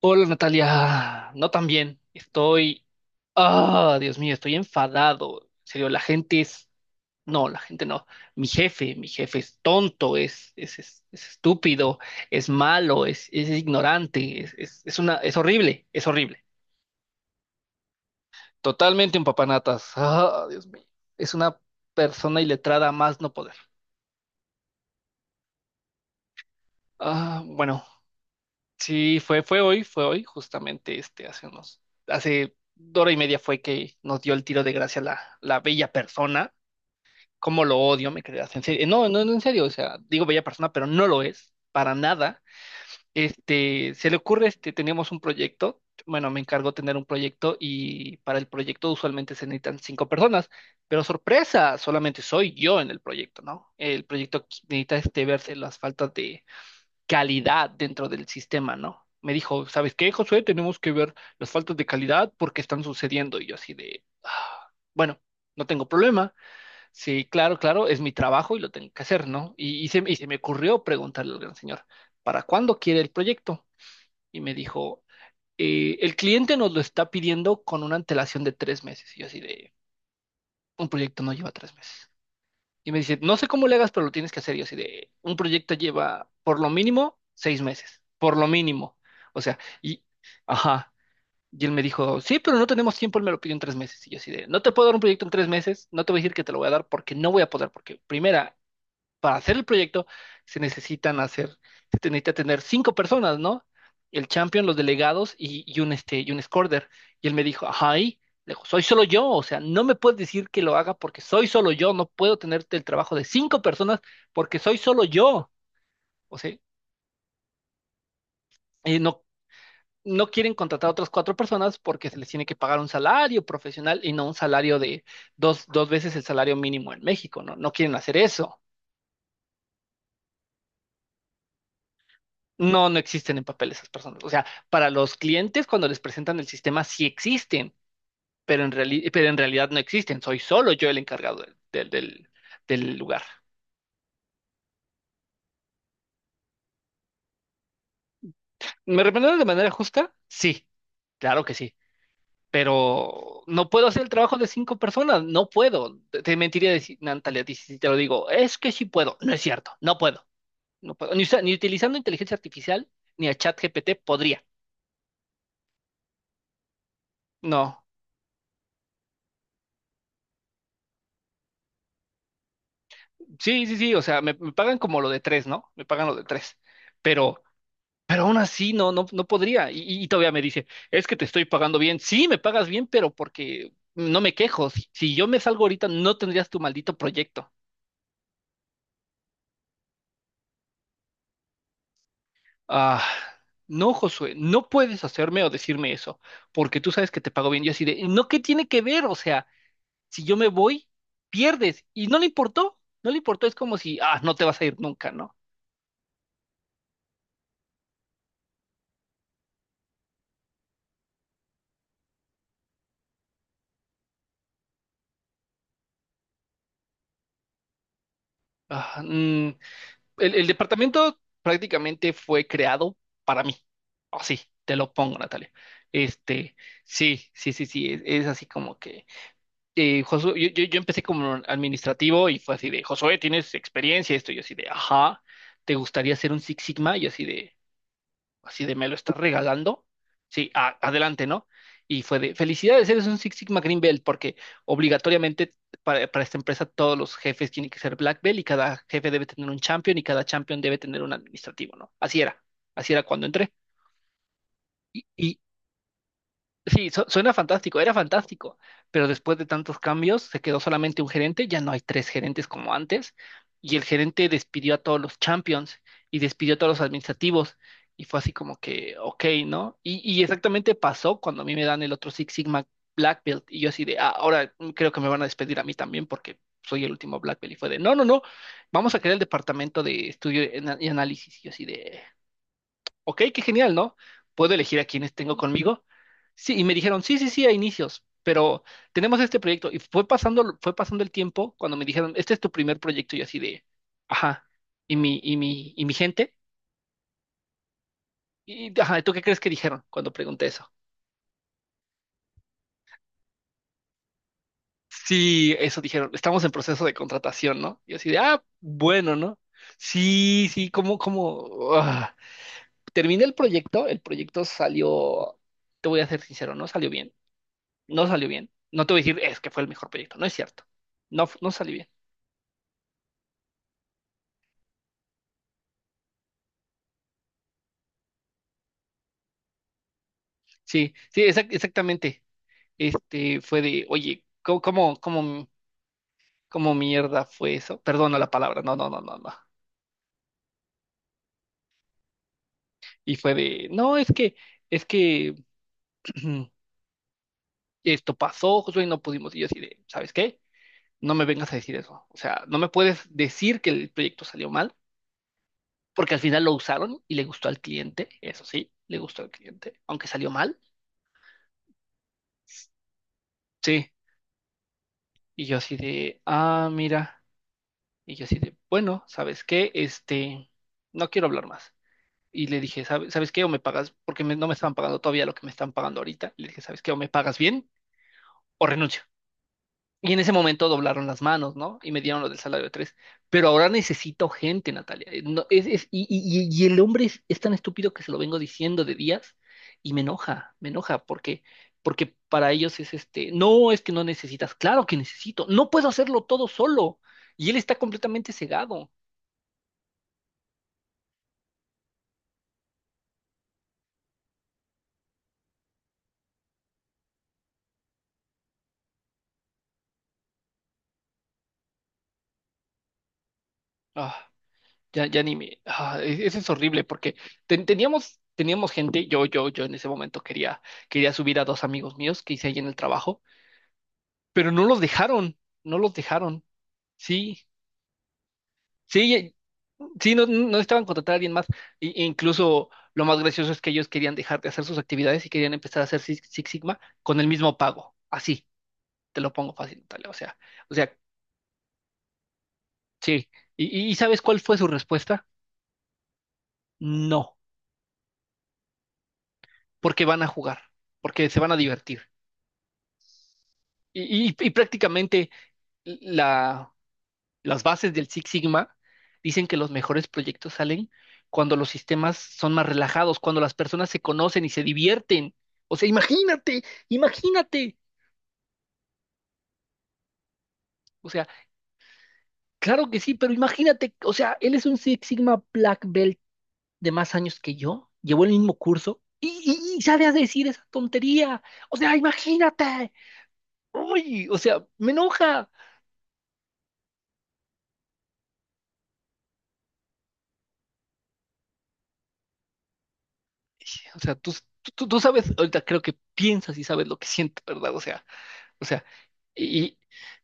Hola Natalia, no tan bien. Ah, Dios mío, estoy enfadado. En serio, no, la gente no. Mi jefe es tonto, es estúpido, es malo, es ignorante, es horrible, es horrible. Totalmente un papanatas. Ah, Dios mío, es una persona iletrada a más no poder. Ah, bueno, sí, fue hoy, fue hoy, justamente hace hora y media fue que nos dio el tiro de gracia la bella persona. ¿Cómo lo odio? Me creas, en serio. No, no, no, en serio, o sea, digo bella persona, pero no lo es, para nada. Se le ocurre, teníamos un proyecto, bueno, me encargó tener un proyecto y para el proyecto usualmente se necesitan cinco personas, pero sorpresa, solamente soy yo en el proyecto, ¿no? El proyecto necesita, verse las faltas calidad dentro del sistema, ¿no? Me dijo, ¿sabes qué, Josué? Tenemos que ver las faltas de calidad porque están sucediendo. Y yo así de, "Ah, bueno, no tengo problema. Sí, claro, claro, es mi trabajo y lo tengo que hacer, ¿no? Y se me ocurrió preguntarle al gran señor, ¿para cuándo quiere el proyecto? Y me dijo, " El cliente nos lo está pidiendo con una antelación de 3 meses. Y yo así de, un proyecto no lleva 3 meses. Y me dice, no sé cómo le hagas, pero lo tienes que hacer. Y yo así de, un proyecto lleva por lo mínimo 6 meses, por lo mínimo. O sea, ajá. Y él me dijo, sí, pero no tenemos tiempo, él me lo pidió en 3 meses. Y yo así de, no te puedo dar un proyecto en 3 meses, no te voy a decir que te lo voy a dar porque no voy a poder, porque primera, para hacer el proyecto se necesitan hacer, se te necesita tener cinco personas, ¿no? El champion, los delegados y un este, y un scorer. Y él me dijo, ay, le digo, soy solo yo, o sea, no me puedes decir que lo haga porque soy solo yo, no puedo tenerte el trabajo de cinco personas porque soy solo yo. O sea, no, no quieren contratar a otras cuatro personas porque se les tiene que pagar un salario profesional y no un salario de dos veces el salario mínimo en México, ¿no? No quieren hacer eso. No, no existen en papel esas personas. O sea, para los clientes cuando les presentan el sistema sí existen, pero en realidad no existen. Soy solo yo el encargado del lugar. ¿Me remuneraron de manera justa? Sí, claro que sí. Pero no puedo hacer el trabajo de cinco personas, no puedo. Te mentiría decir, Natalia, si te lo digo, es que sí puedo. No es cierto, no puedo. No puedo. Ni utilizando inteligencia artificial ni a ChatGPT podría. No. Sí, sí, sí, o sea, me pagan como lo de tres, ¿no? Me pagan lo de tres, pero, pero aún así no, no, no podría. Y todavía me dice, es que te estoy pagando bien. Sí, me pagas bien, pero porque no me quejo. Si yo me salgo ahorita, no tendrías tu maldito proyecto. Ah, no, Josué, no puedes hacerme o decirme eso, porque tú sabes que te pago bien. Yo así de, no, ¿qué tiene que ver? O sea, si yo me voy, pierdes. Y no le importó, no le importó. Es como si, ah, no te vas a ir nunca, ¿no? Ah, el departamento prácticamente fue creado para mí. Así, te lo pongo, Natalia. Este, sí, sí, sí, sí, es así como que Josué, yo empecé como administrativo y fue así de, Josué, ¿tienes experiencia? Esto, yo así de, ajá, ¿te gustaría ser un Six Sigma? Yo así de me lo estás regalando. Sí, adelante, ¿no? Y fue de felicidades, eres un Six Sigma Green Belt, porque obligatoriamente para esta empresa todos los jefes tienen que ser Black Belt y cada jefe debe tener un champion y cada champion debe tener un administrativo, ¿no? Así era cuando entré. Y, y, Sí, suena fantástico, era fantástico, pero después de tantos cambios se quedó solamente un gerente, ya no hay tres gerentes como antes, y el gerente despidió a todos los champions y despidió a todos los administrativos, y fue así como que, ok, ¿no? Y exactamente pasó cuando a mí me dan el otro Six Sigma Black Belt, y yo así de, ah, ahora creo que me van a despedir a mí también porque soy el último Black Belt, y fue de, no, no, no, vamos a crear el departamento de estudio y análisis, y yo así de ok, qué genial, ¿no? ¿Puedo elegir a quienes tengo conmigo? Sí, y me dijeron, sí, sí, sí, a inicios, pero tenemos este proyecto. Y fue pasando el tiempo cuando me dijeron, este es tu primer proyecto, y así de, ajá, y mi gente, y ajá, ¿tú qué crees que dijeron cuando pregunté eso? Sí, eso dijeron, estamos en proceso de contratación, ¿no? Y así de, ah, bueno, ¿no? Sí, sí, terminé el proyecto salió, te voy a ser sincero, no salió bien. No salió bien. No te voy a decir, es que fue el mejor proyecto. No es cierto. No, no salió bien. Sí, sí, exactamente. Este fue de, oye, ¿cómo mierda fue eso? Perdona la palabra. No, no, no, no, no. Y fue de, no, es que esto pasó, Josué, y no pudimos. Y yo así de, ¿sabes qué? No me vengas a decir eso. O sea, no me puedes decir que el proyecto salió mal, porque al final lo usaron y le gustó al cliente. Eso sí, le gustó al cliente, aunque salió mal. Sí. Y yo así de, ah, mira. Y yo así de, bueno, ¿sabes qué? Este, no quiero hablar más. Y le dije, ¿sabes qué? O me pagas, porque no me estaban pagando todavía lo que me están pagando ahorita. Le dije, ¿sabes qué? O me pagas bien o renuncio. Y en ese momento doblaron las manos, ¿no? Y me dieron lo del salario de tres. Pero ahora necesito gente, Natalia. No, y el hombre es tan estúpido que se lo vengo diciendo de días y me enoja porque, para ellos es no, es que no necesitas. Claro que necesito. No puedo hacerlo todo solo. Y él está completamente cegado. Ah. Ya, ya ni me. Ah, eso es horrible porque teníamos gente. Yo en ese momento quería subir a dos amigos míos que hice ahí en el trabajo, pero no los dejaron. No los dejaron. Sí, sí, sí, no, no estaban contratar a alguien más. Y e incluso lo más gracioso es que ellos querían dejar de hacer sus actividades y querían empezar a hacer Six Sigma con el mismo pago. Así, te lo pongo fácil, Natalia. O sea, sí. ¿Y sabes cuál fue su respuesta? No, porque van a jugar, porque se van a divertir. Y prácticamente la, las bases del Six Sigma dicen que los mejores proyectos salen cuando los sistemas son más relajados, cuando las personas se conocen y se divierten. O sea, imagínate, imagínate. O sea, claro que sí, pero imagínate, o sea, él es un Six Sigma Black Belt de más años que yo, llevó el mismo curso y sale a decir esa tontería. O sea, imagínate. Uy, o sea, me enoja. O sea, tú sabes, ahorita creo que piensas y sabes lo que siento, ¿verdad? O sea, y,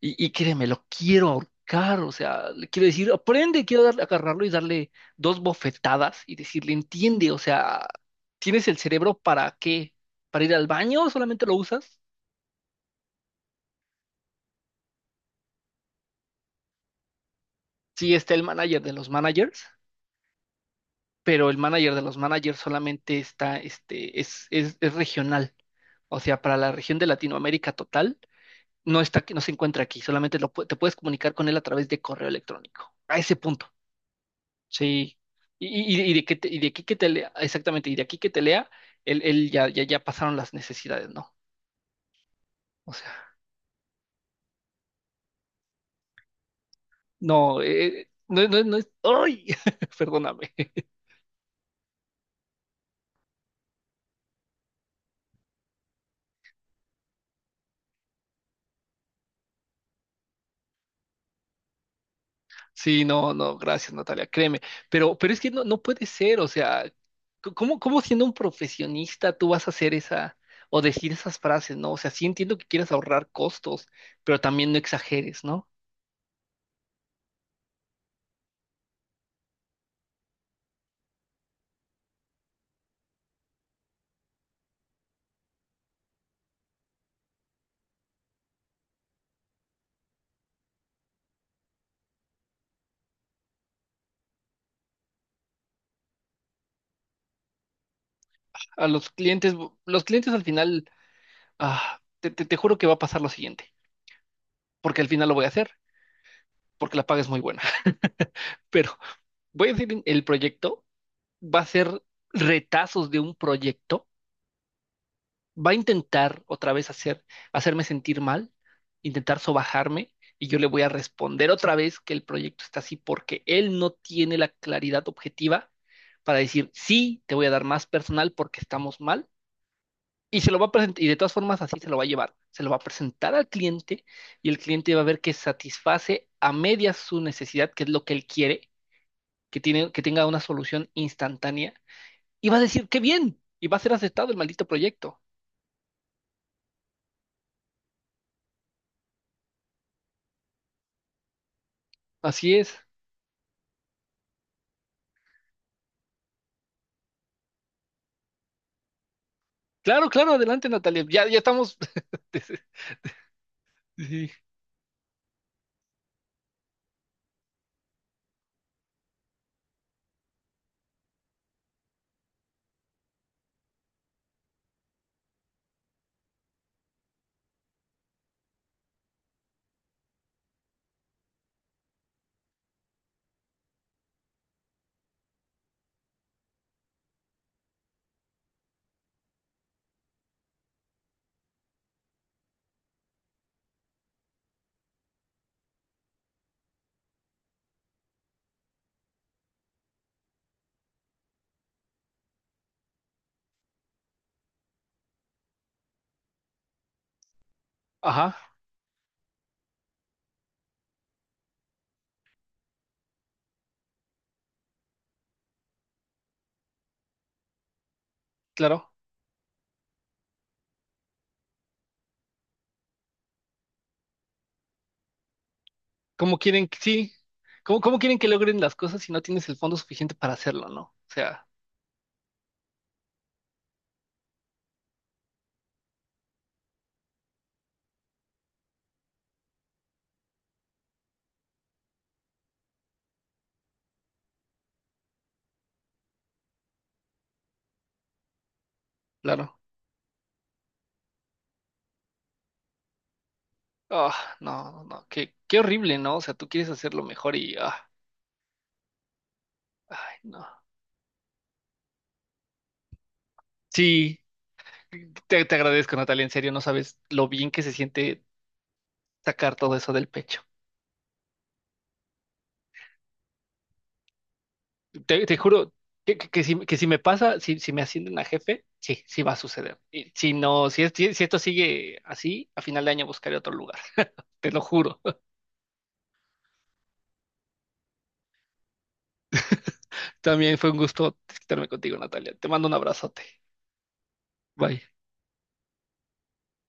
y créeme, lo quiero ahorcar, o sea, le quiero decir, aprende, quiero darle, agarrarlo y darle dos bofetadas y decirle, entiende, o sea, ¿tienes el cerebro para qué? ¿Para ir al baño? ¿Solamente lo usas? Sí, está el manager de los managers, pero el manager de los managers solamente está, es regional, o sea, para la región de Latinoamérica total no está, no se encuentra aquí, solamente te puedes comunicar con él a través de correo electrónico. A ese punto, sí. Y, y de aquí que te lea, exactamente, y de aquí que te lea, él ya, ya, ya pasaron las necesidades, ¿no? O sea, no, no, no, no es, ¡ay! Perdóname. Sí, no, no, gracias, Natalia, créeme. Pero es que no, no puede ser, o sea, ¿cómo, cómo siendo un profesionista tú vas a hacer esa o decir esas frases, ¿no? O sea, sí entiendo que quieras ahorrar costos, pero también no exageres, ¿no? A los clientes al final, ah, te juro que va a pasar lo siguiente, porque al final lo voy a hacer, porque la paga es muy buena, pero voy a decir el proyecto, va a ser retazos de un proyecto, va a intentar otra vez hacer, hacerme sentir mal, intentar sobajarme, y yo le voy a responder otra vez que el proyecto está así porque él no tiene la claridad objetiva para decir, sí, te voy a dar más personal porque estamos mal. Y se lo va a presentar, y de todas formas así se lo va a llevar. Se lo va a presentar al cliente y el cliente va a ver que satisface a medias su necesidad, que es lo que él quiere, que tiene, que tenga una solución instantánea. Y va a decir, qué bien, y va a ser aceptado el maldito proyecto. Así es. Claro, claro, adelante, Natalia. Ya, ya estamos. Sí. Ajá, claro. ¿Cómo quieren que sí? ¿Cómo, cómo quieren que logren las cosas si no tienes el fondo suficiente para hacerlo, no? O sea, claro. Ah, no, no, no, qué, qué horrible, ¿no? O sea, tú quieres hacerlo mejor y, ah, ay, no. Sí, te agradezco, Natalia, en serio, no sabes lo bien que se siente sacar todo eso del pecho. Te juro que si me pasa, si me ascienden a jefe, sí, sí va a suceder. Y si no, si esto sigue así, a final de año buscaré otro lugar, te lo juro. También fue un gusto estarme contigo, Natalia. Te mando un abrazote. Bye.